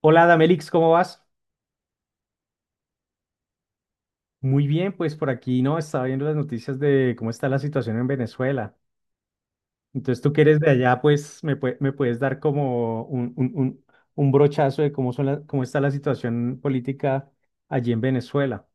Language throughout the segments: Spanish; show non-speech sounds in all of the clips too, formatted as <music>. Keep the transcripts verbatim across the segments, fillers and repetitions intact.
Hola, Damelix, ¿cómo vas? Muy bien, pues por aquí, ¿no? Estaba viendo las noticias de cómo está la situación en Venezuela. Entonces, tú que eres de allá, pues me, pue- me puedes dar como un, un- un- un brochazo de cómo son la- cómo está la situación política allí en Venezuela.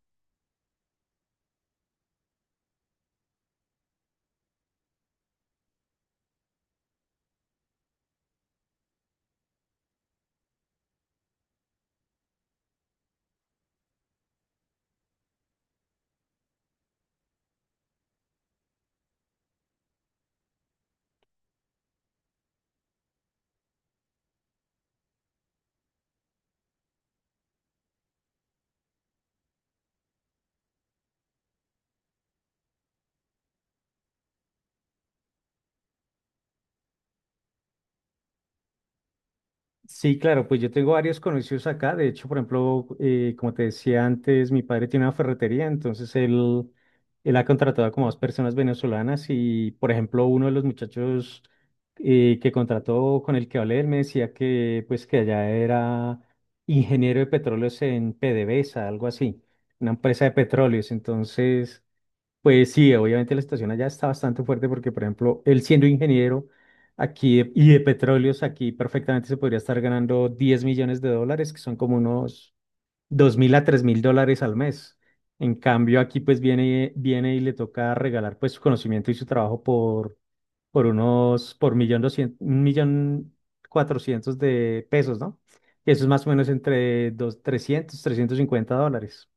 Sí, claro, pues yo tengo varios conocidos acá. De hecho, por ejemplo, eh, como te decía antes, mi padre tiene una ferretería, entonces él, él ha contratado como dos personas venezolanas y, por ejemplo, uno de los muchachos eh, que contrató con el que hablé, él me decía que, pues, que allá era ingeniero de petróleos en PDVSA, algo así, una empresa de petróleos. Entonces... Pues sí, obviamente la situación allá está bastante fuerte porque, por ejemplo, él siendo ingeniero aquí de- y de petróleos, aquí perfectamente se podría estar ganando diez millones de dólares, que son como unos dos mil a tres mil dólares al mes. En cambio, aquí pues viene, viene y le toca regalar pues su conocimiento y su trabajo por, por unos, por millón doscientos, un millón cuatrocientos de pesos, ¿no? Y eso es más o menos entre dos, trescientos trescientos cincuenta dólares.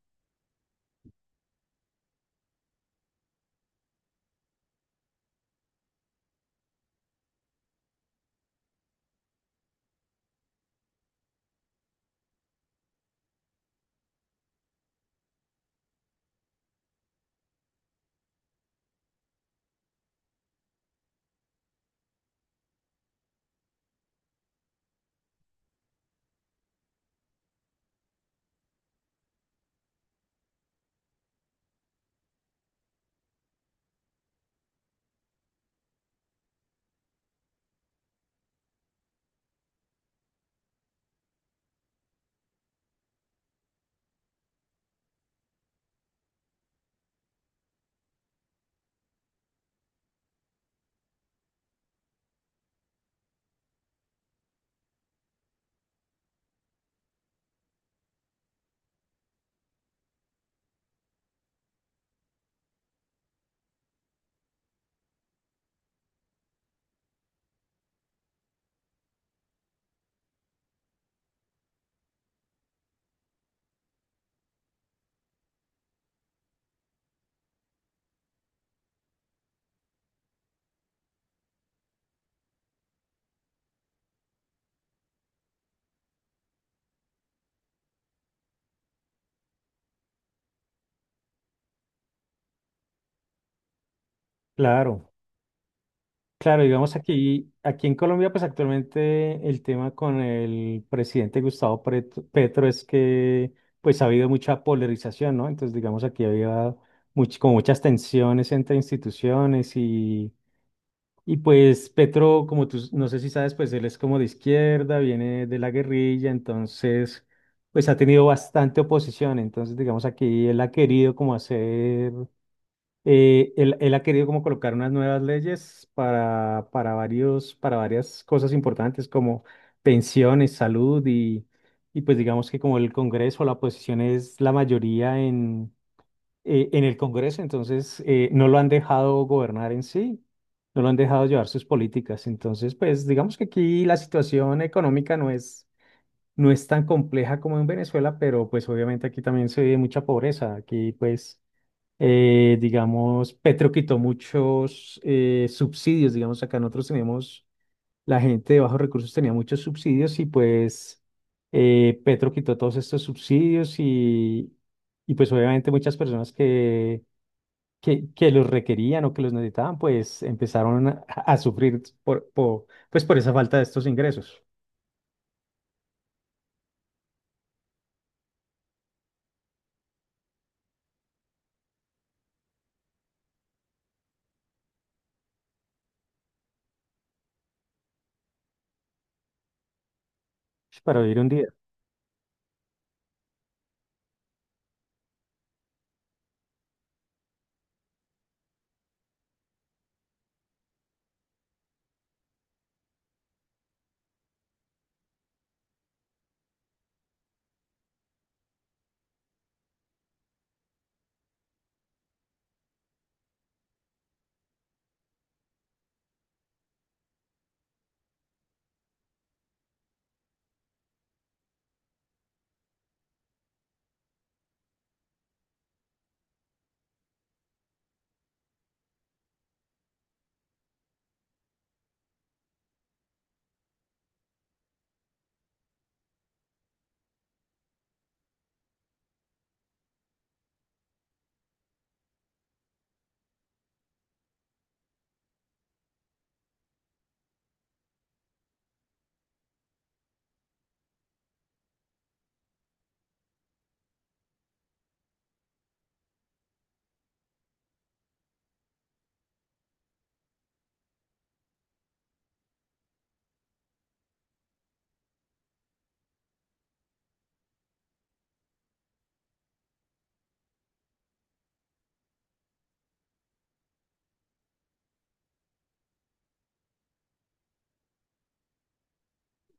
Claro. Claro, digamos aquí, aquí en Colombia, pues actualmente el tema con el presidente Gustavo Pret- Petro es que pues ha habido mucha polarización, ¿no? Entonces, digamos aquí había much- como muchas tensiones entre instituciones y, y pues Petro, como tú s- no sé si sabes, pues él es como de izquierda, viene de la guerrilla, entonces pues ha tenido bastante oposición, entonces digamos aquí él ha querido como hacer eh, él, él ha querido como colocar unas nuevas leyes para, para varios, para varias cosas importantes como pensiones, salud y, y pues digamos que como el Congreso, la oposición es la mayoría en, eh, en el Congreso, entonces eh, no lo han dejado gobernar en sí, no lo han dejado llevar sus políticas. Entonces, pues digamos que aquí la situación económica no es, no es tan compleja como en Venezuela, pero pues obviamente aquí también se vive mucha pobreza. Aquí pues... Eh, digamos, Petro quitó muchos eh, subsidios, digamos, acá nosotros tenemos, la gente de bajos recursos tenía muchos subsidios y pues eh, Petro quitó todos estos subsidios y, y pues obviamente muchas personas que, que, que los requerían o que los necesitaban, pues empezaron a, a sufrir por, por, pues por esa falta de estos ingresos para vivir un día.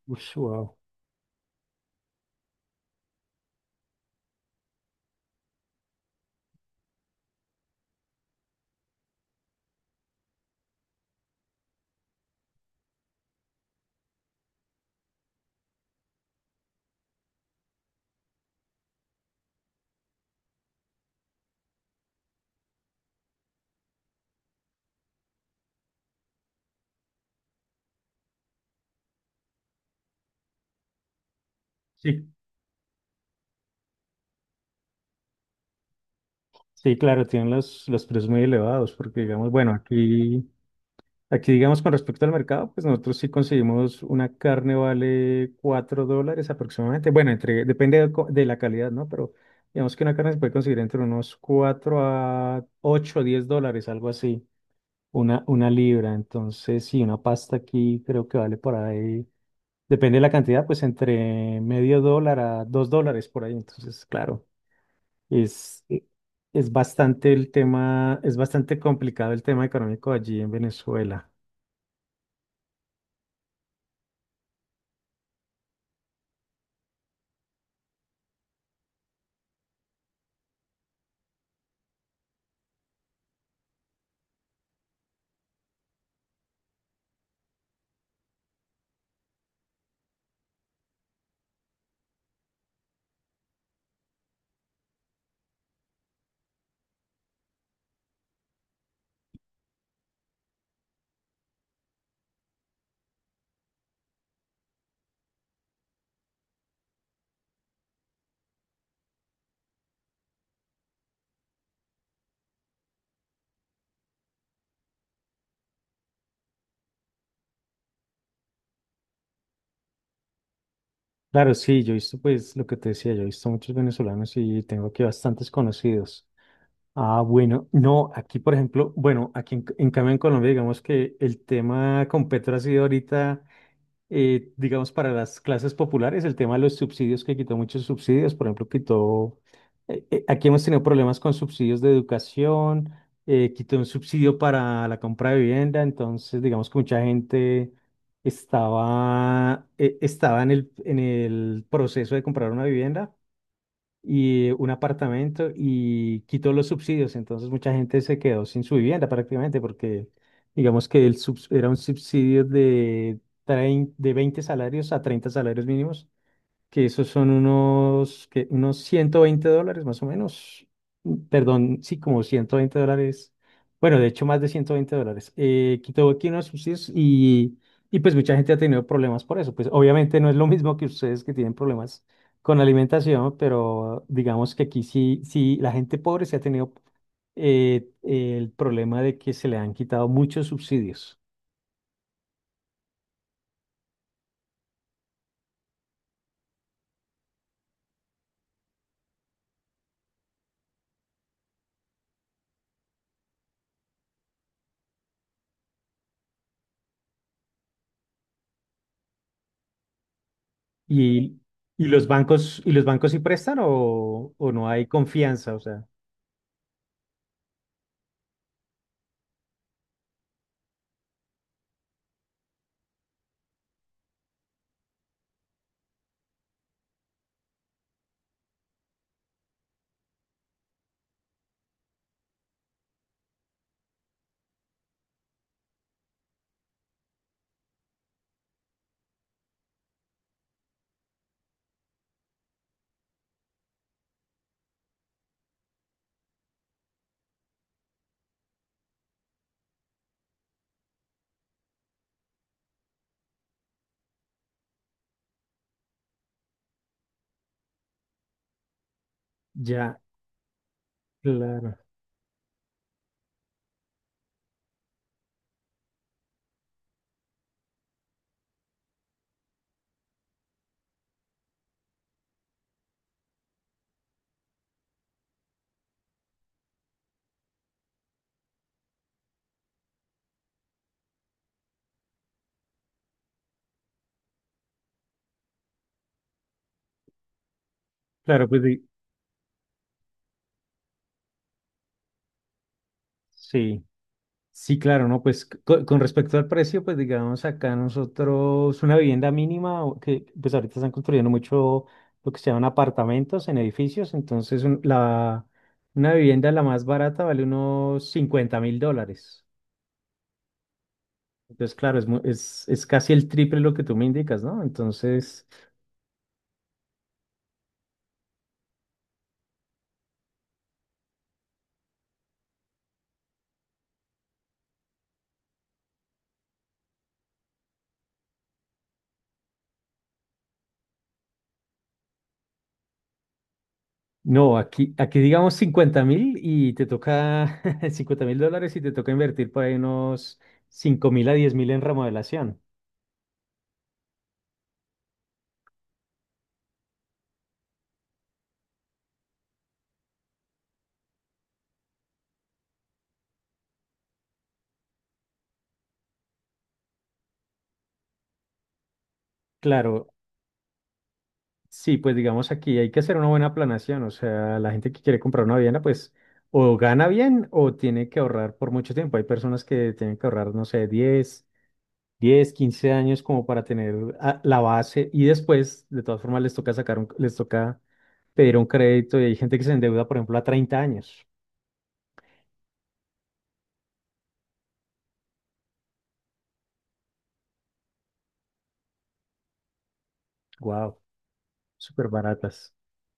Ush, wow. Sí, sí, claro, tienen los, los precios muy elevados porque digamos, bueno, aquí... Aquí, digamos, con respecto al mercado, pues nosotros sí conseguimos una carne vale cuatro dólares aproximadamente. Bueno, entre, depende de, co- de la calidad, ¿no? Pero digamos que una carne se puede conseguir entre unos cuatro a ocho o diez dólares, algo así, una, una libra. Entonces, sí, una pasta aquí creo que vale por ahí, depende de la cantidad, pues entre medio dólar a dos dólares por ahí. Entonces, claro, es, eh, es bastante el tema, es bastante complicado el tema económico allí en Venezuela. Claro, sí, yo he visto, pues, lo que te decía, yo he visto muchos venezolanos y tengo aquí bastantes conocidos. Ah, bueno, no, aquí, por ejemplo, bueno, aquí en, en cambio en Colombia, digamos que el tema con Petro ha sido ahorita eh, digamos, para las clases populares, el tema de los subsidios, que quitó muchos subsidios, por ejemplo, quitó, eh, eh, aquí hemos tenido problemas con subsidios de educación, eh, quitó un subsidio para la compra de vivienda, entonces, digamos que mucha gente estaba, eh, estaba en el, en el proceso de comprar una vivienda y un apartamento y quitó los subsidios. Entonces mucha gente se quedó sin su vivienda prácticamente porque digamos que el subs- era un subsidio de, trein de veinte salarios a treinta salarios mínimos que esos son unos, que unos ciento veinte dólares más o menos. Mm, Perdón, sí, como ciento veinte dólares. Bueno, de hecho, más de ciento veinte dólares. Eh, quitó aquí unos subsidios y, y pues mucha gente ha tenido problemas por eso. Pues obviamente no es lo mismo que ustedes que tienen problemas con la alimentación, pero digamos que aquí sí, sí, la gente pobre se ha tenido eh, el problema de que se le han quitado muchos subsidios. Y, y los bancos, ¿y los bancos sí prestan o, o no hay confianza? O sea. Ya, claro, claro, pues di- sí, sí, claro, ¿no? Pues c- co- con respecto al precio, pues digamos acá nosotros una vivienda mínima, o que pues ahorita están construyendo mucho lo que se llaman apartamentos en edificios, entonces un- la, una vivienda la más barata vale unos cincuenta mil dólares. Entonces, claro, es, mu- es, es casi el triple lo que tú me indicas, ¿no? Entonces... No, aquí, aquí digamos cincuenta mil y te toca <laughs> cincuenta mil dólares y te toca invertir por ahí unos cinco mil a diez mil en remodelación. Claro, sí, pues digamos aquí hay que hacer una buena planación, o sea, la gente que quiere comprar una vivienda, pues o gana bien o tiene que ahorrar por mucho tiempo. Hay personas que tienen que ahorrar, no sé, diez, diez, quince años como para tener ah, la base y después, de todas formas, les toca sacar un, les toca pedir un crédito y hay gente que se endeuda, por ejemplo, a treinta años. Wow, súper baratas.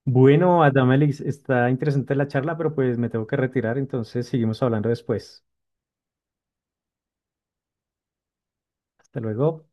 Bueno, Adamelis, está interesante la charla, pero pues me tengo que retirar, entonces seguimos hablando después. Hasta luego.